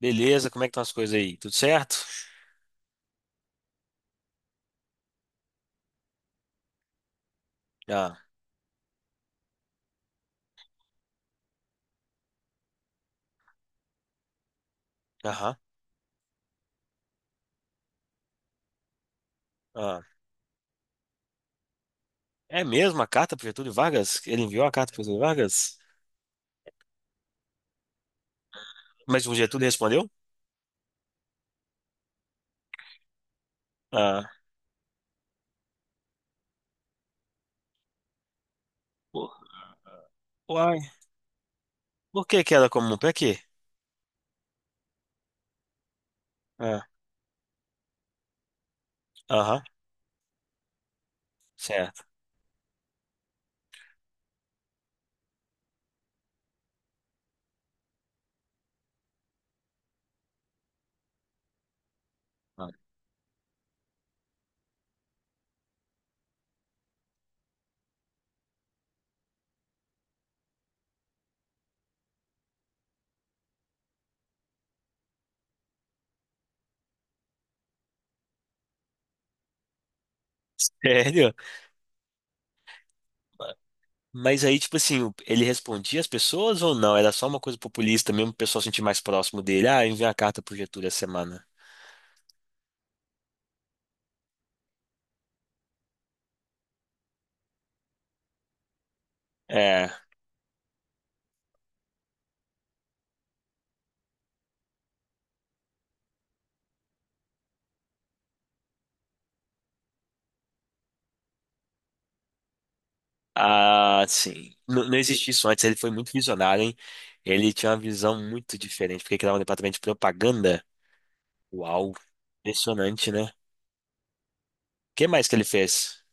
Beleza, como é que estão as coisas aí? Tudo certo? Ah, aham. Ah. É mesmo a carta pro Getúlio Vargas? Ele enviou a carta pro Getúlio Vargas? Mas o Getúlio respondeu? Ah, por- uai, por que que era comum? Pra quê? Ah, aham, certo. Ah, Sério? Mas aí, tipo assim, ele respondia as pessoas ou não? Era só uma coisa populista mesmo, o pessoal sentir mais próximo dele. Ah, enviar a carta pro Getúlio essa semana. É. Ah, sim. Não existia isso antes, ele foi muito visionário, hein? Ele tinha uma visão muito diferente, porque criava um departamento de propaganda. Uau, impressionante, né? O que mais que ele fez?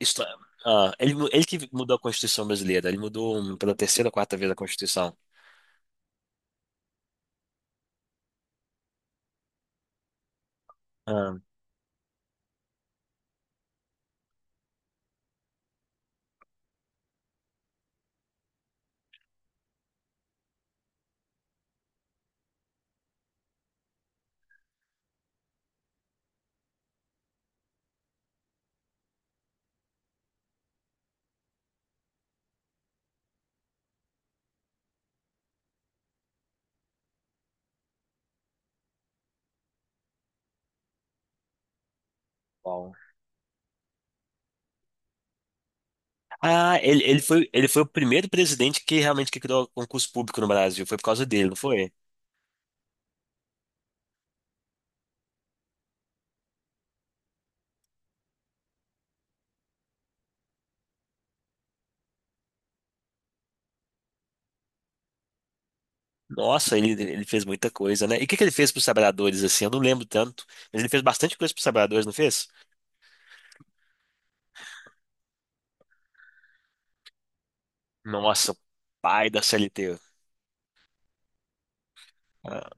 Isto- ah, ele, ele que mudou a Constituição brasileira, ele mudou pela terceira ou quarta vez a Constituição. Ah, uau. Ah, ele foi o primeiro presidente que realmente que criou concurso público no Brasil, foi por causa dele, não foi? Nossa, ele fez muita coisa, né? E o que, que ele fez pros Sabradores, assim? Eu não lembro tanto, mas ele fez bastante coisa pros Sabradores, não fez? Nossa, o pai da CLT. Ah,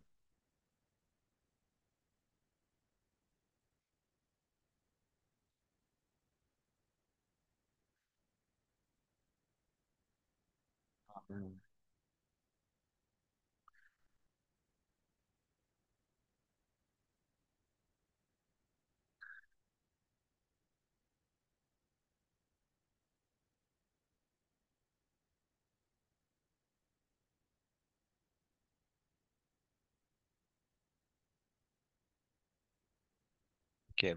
hum, que-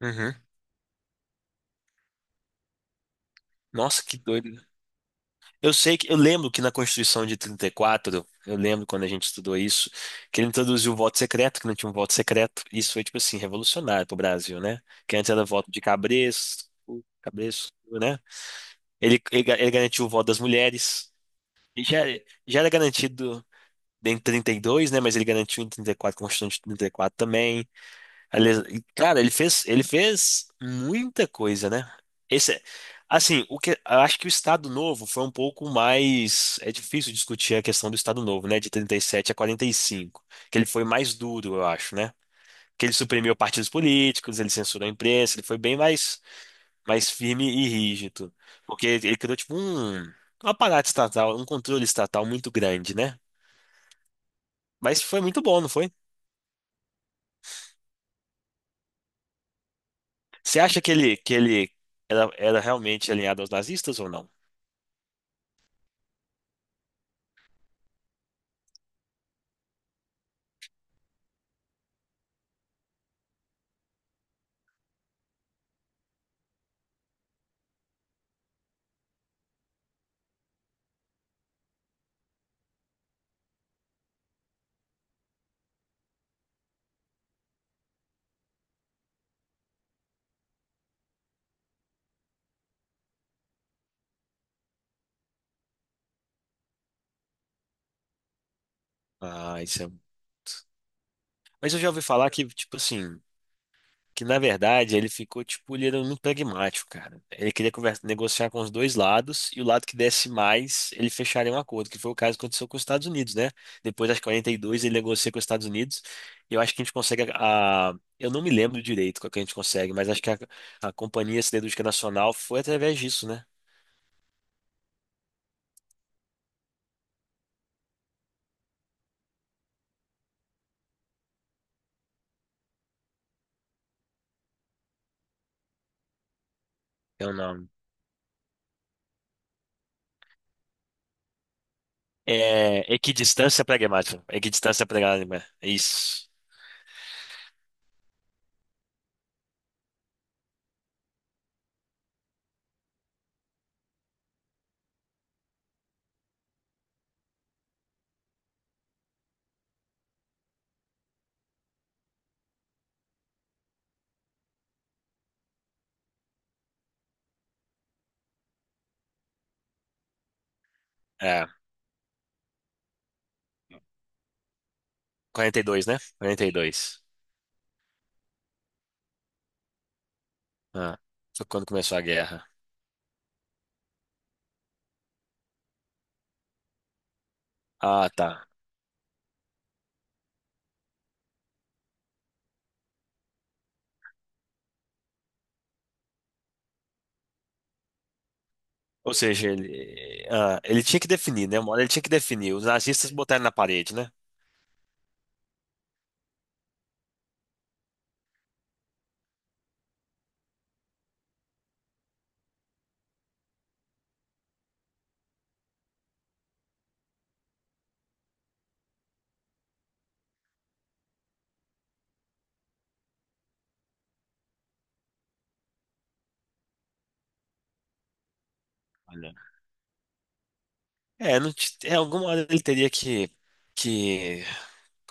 Uhum. Nossa, que doido. Eu sei que eu lembro que na Constituição de 34, eu lembro quando a gente estudou isso, que ele introduziu o voto secreto, que não tinha um voto secreto. Isso foi, tipo assim, revolucionário pro Brasil, né? Que antes era voto de cabresto, cabresto, né? Ele garantiu o voto das mulheres. E já, já era garantido em trinta e dois, né? Mas ele garantiu em 34, Constituição de 34 também. Aliás, e, cara, ele fez muita coisa, né? Esse, assim, o que, eu acho que o Estado Novo foi um pouco mais. É difícil discutir a questão do Estado Novo, né? De trinta e sete a 45 que ele foi mais duro, eu acho, né? Que ele suprimiu partidos políticos, ele censurou a imprensa, ele foi bem mais firme e rígido. Porque ele criou, tipo, um aparato estatal, um controle estatal muito grande, né? Mas foi muito bom, não foi? Você acha que ele era realmente alinhado aos nazistas ou não? Ah, isso é... Mas eu já ouvi falar que, tipo assim, que na verdade ele ficou, tipo, ele era muito pragmático, cara. Ele queria conversa, negociar com os dois lados e o lado que desse mais, ele fecharia um acordo, que foi o caso que aconteceu com os Estados Unidos, né? Depois das 42, ele negocia com os Estados Unidos e eu acho que a gente consegue eu não me lembro direito qual que a gente consegue, mas acho que a Companhia Siderúrgica Nacional foi através disso, né? É o nome. É, equidistância pragmática. Equidistância pragmática. Isso. É, 42, né? 42. Ah, foi quando começou a guerra. Ah, tá. Ou seja, ele tinha que definir, né? Uma hora ele tinha que definir. Os nazistas botaram na parede, né? Olha. É, não, é, alguma hora ele teria que, que,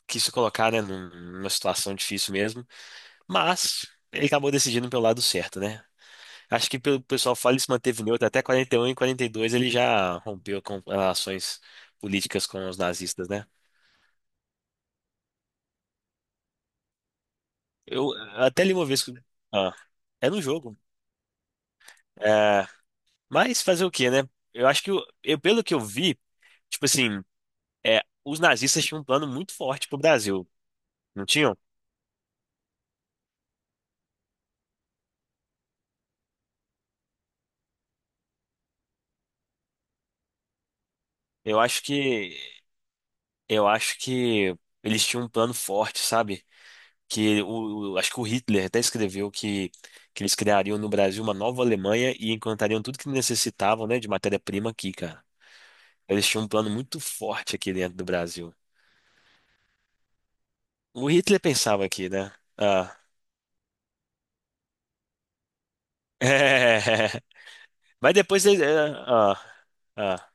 que se colocar, né, numa situação difícil mesmo. Mas ele acabou decidindo pelo lado certo, né? Acho que pelo pessoal fala ele se manteve neutro até 41 e 42 ele já rompeu com relações políticas com os nazistas, né? Eu até li uma vez que ah, é no jogo. É, mas fazer o quê, né? Eu acho que eu, pelo que eu vi, tipo assim, é, os nazistas tinham um plano muito forte pro Brasil, não tinham? Eu acho que eu acho que eles tinham um plano forte, sabe? Que acho que o Hitler até escreveu que, eles criariam no Brasil uma nova Alemanha e encantariam tudo que necessitavam, né, de matéria-prima aqui, cara. Eles tinham um plano muito forte aqui dentro do Brasil. O Hitler pensava aqui, né? Ah, mas depois eles, ah, ah,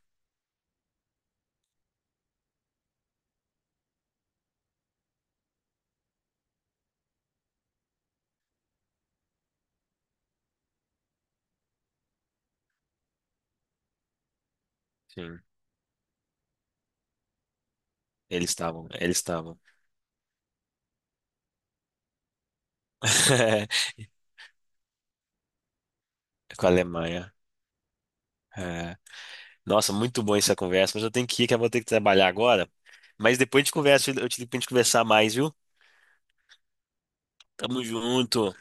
sim, eles estavam com a Alemanha. É. Nossa, muito bom essa conversa, mas eu tenho que ir, que eu vou ter que trabalhar agora. Mas depois a gente conversa, eu te digo pra gente conversar mais, viu? Tamo junto.